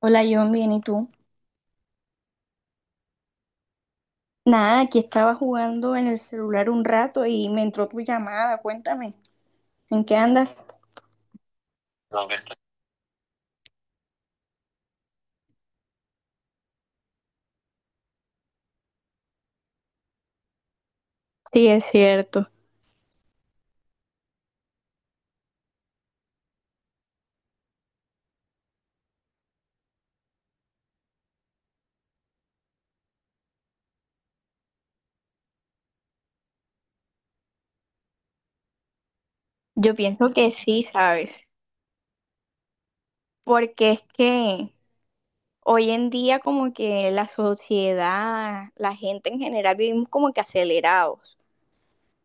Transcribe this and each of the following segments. Hola John, bien, ¿y tú? Nada, aquí estaba jugando en el celular un rato y me entró tu llamada. Cuéntame, ¿en qué andas? No, que estoy- Sí, es cierto. Yo pienso que sí, ¿sabes? Porque es que hoy en día como que la sociedad, la gente en general vivimos como que acelerados,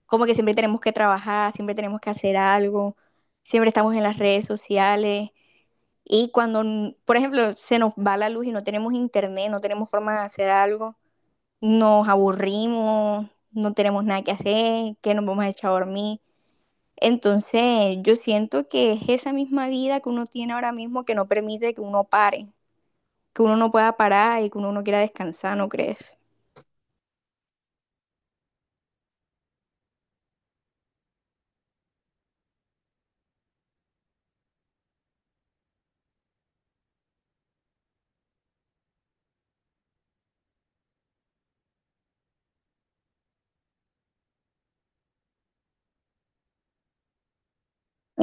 como que siempre tenemos que trabajar, siempre tenemos que hacer algo, siempre estamos en las redes sociales. Y cuando, por ejemplo, se nos va la luz y no tenemos internet, no tenemos forma de hacer algo, nos aburrimos, no tenemos nada que hacer, que nos vamos a echar a dormir. Entonces, yo siento que es esa misma vida que uno tiene ahora mismo que no permite que uno pare, que uno no pueda parar y que uno no quiera descansar, ¿no crees?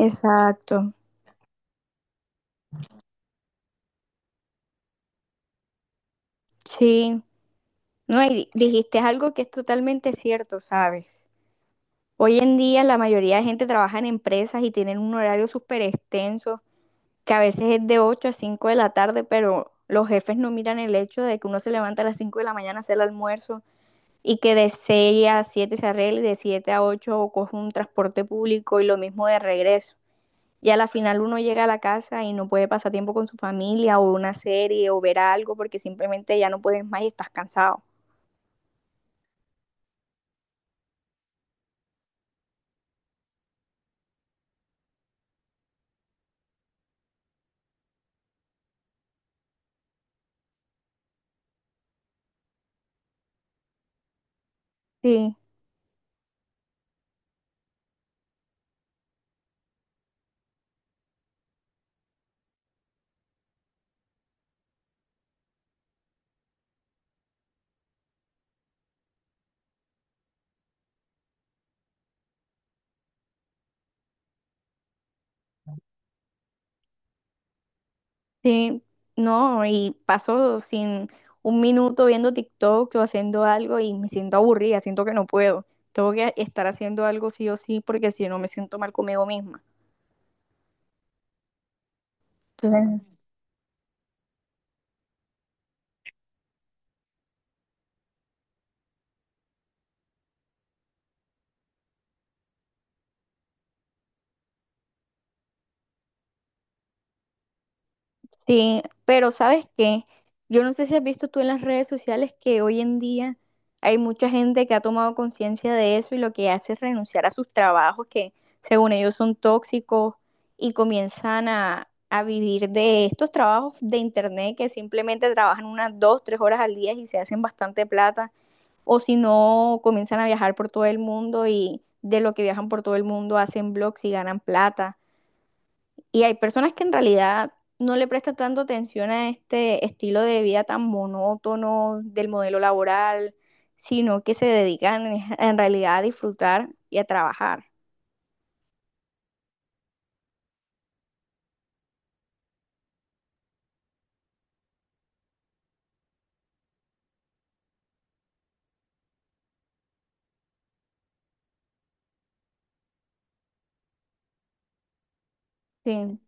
Exacto, sí. No, y dijiste algo que es totalmente cierto, ¿sabes? Hoy en día la mayoría de gente trabaja en empresas y tienen un horario súper extenso que a veces es de 8 a 5 de la tarde, pero los jefes no miran el hecho de que uno se levanta a las 5 de la mañana a hacer el almuerzo y que de 6 a 7 se arregle, de 7 a 8 coge un transporte público y lo mismo de regreso. Y a la final uno llega a la casa y no puede pasar tiempo con su familia o una serie o ver algo porque simplemente ya no puedes más y estás cansado. Sí. Sí, no, y paso sin un minuto viendo TikTok o haciendo algo y me siento aburrida, siento que no puedo. Tengo que estar haciendo algo sí o sí porque si no me siento mal conmigo misma. Entonces, sí, pero ¿sabes qué? Yo no sé si has visto tú en las redes sociales que hoy en día hay mucha gente que ha tomado conciencia de eso y lo que hace es renunciar a sus trabajos que según ellos son tóxicos y comienzan a vivir de estos trabajos de internet que simplemente trabajan unas dos, tres horas al día y se hacen bastante plata, o si no comienzan a viajar por todo el mundo y de lo que viajan por todo el mundo hacen blogs y ganan plata, y hay personas que en realidad no le prestan tanto atención a este estilo de vida tan monótono del modelo laboral, sino que se dedican en realidad a disfrutar y a trabajar. Sí.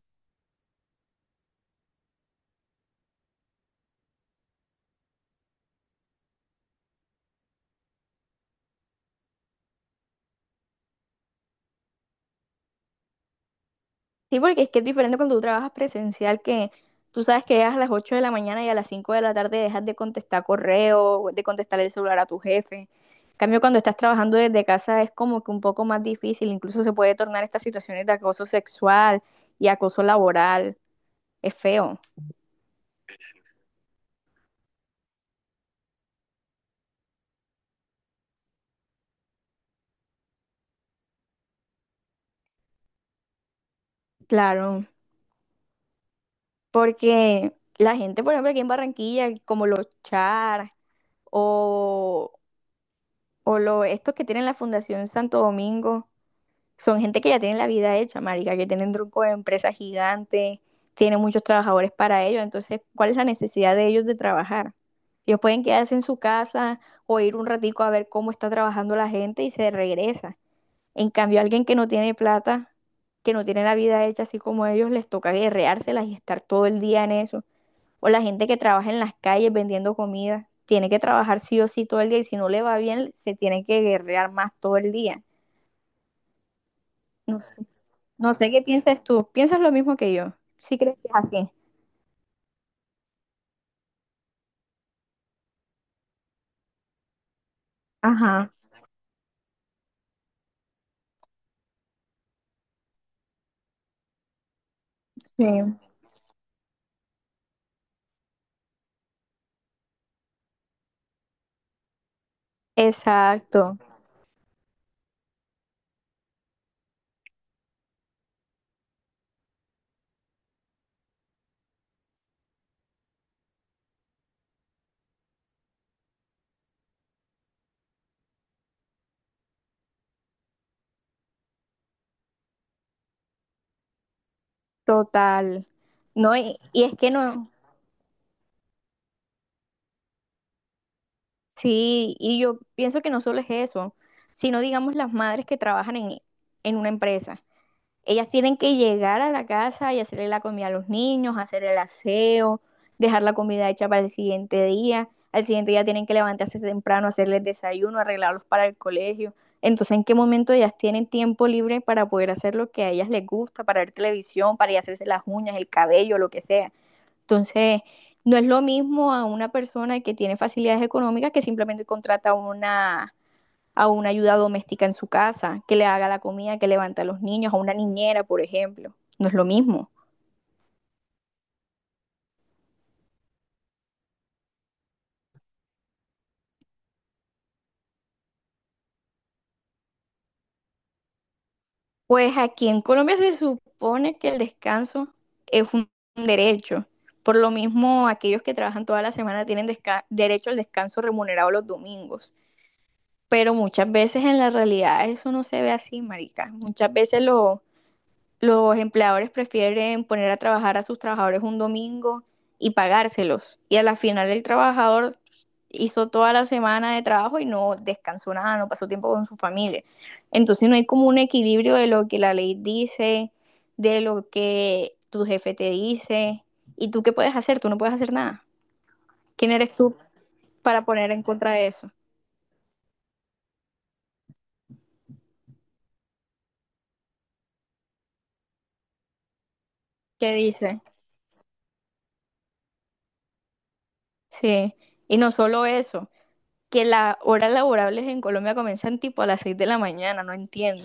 Sí, porque es que es diferente cuando tú trabajas presencial, que tú sabes que llegas a las 8 de la mañana y a las 5 de la tarde dejas de contestar correo, de contestar el celular a tu jefe. En cambio, cuando estás trabajando desde casa es como que un poco más difícil, incluso se puede tornar estas situaciones de acoso sexual y acoso laboral. Es feo. Claro, porque la gente, por ejemplo, aquí en Barranquilla, como los Char o, estos que tienen la Fundación Santo Domingo, son gente que ya tienen la vida hecha, marica, que tienen truco de empresas gigantes, tienen muchos trabajadores para ellos, entonces, ¿cuál es la necesidad de ellos de trabajar? Ellos pueden quedarse en su casa o ir un ratico a ver cómo está trabajando la gente y se regresa. En cambio, alguien que no tiene plata, que no tiene la vida hecha así como ellos, les toca guerreárselas y estar todo el día en eso. O la gente que trabaja en las calles vendiendo comida, tiene que trabajar sí o sí todo el día y si no le va bien, se tiene que guerrear más todo el día. No sé, no sé qué piensas tú. ¿Piensas lo mismo que yo? ¿Sí crees que es así? Ajá, sí. Exacto, total. No, y es que no, sí, y yo pienso que no solo es eso, sino digamos las madres que trabajan en una empresa. Ellas tienen que llegar a la casa y hacerle la comida a los niños, hacer el aseo, dejar la comida hecha para el siguiente día. Al siguiente día tienen que levantarse temprano, hacerles desayuno, arreglarlos para el colegio. Entonces, ¿en qué momento ellas tienen tiempo libre para poder hacer lo que a ellas les gusta, para ver televisión, para ir a hacerse las uñas, el cabello, lo que sea? Entonces, no es lo mismo a una persona que tiene facilidades económicas que simplemente contrata una a una ayuda doméstica en su casa, que le haga la comida, que levante a los niños, a una niñera, por ejemplo. No es lo mismo. Pues aquí en Colombia se supone que el descanso es un derecho. Por lo mismo, aquellos que trabajan toda la semana tienen derecho al descanso remunerado los domingos. Pero muchas veces en la realidad eso no se ve así, marica. Muchas veces los empleadores prefieren poner a trabajar a sus trabajadores un domingo y pagárselos. Y a la final el trabajador hizo toda la semana de trabajo y no descansó nada, no pasó tiempo con su familia. Entonces no hay como un equilibrio de lo que la ley dice, de lo que tu jefe te dice. ¿Y tú qué puedes hacer? Tú no puedes hacer nada. ¿Quién eres tú para poner en contra de eso? ¿Qué dice? Sí. Y no solo eso. Que las horas laborables en Colombia comienzan tipo a las 6 de la mañana, no entiendo.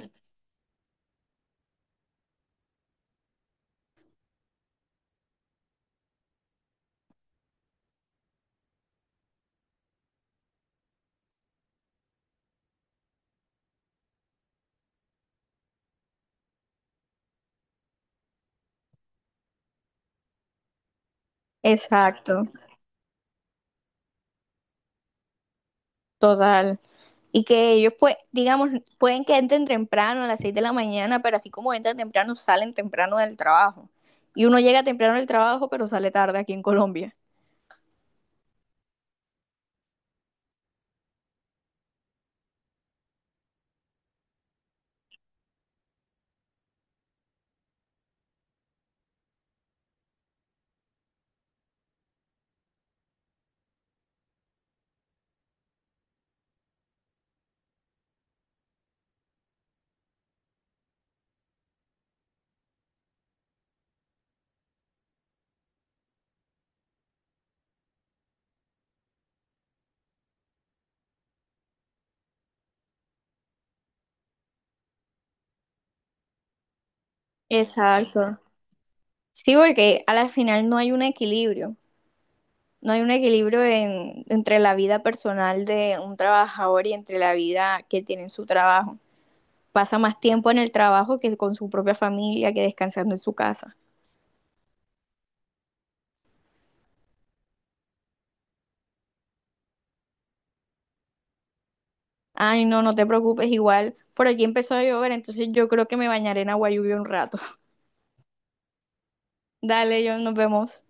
Exacto, total. Y que ellos, pues, digamos, pueden que entren temprano a las 6 de la mañana, pero así como entran temprano, salen temprano del trabajo. Y uno llega temprano del trabajo, pero sale tarde aquí en Colombia. Exacto. Sí, porque a la final no hay un equilibrio. No hay un equilibrio entre la vida personal de un trabajador y entre la vida que tiene en su trabajo. Pasa más tiempo en el trabajo que con su propia familia, que descansando en su casa. Ay, no, no te preocupes, igual por aquí empezó a llover, entonces yo creo que me bañaré en agua lluvia un rato. Dale, John, nos vemos.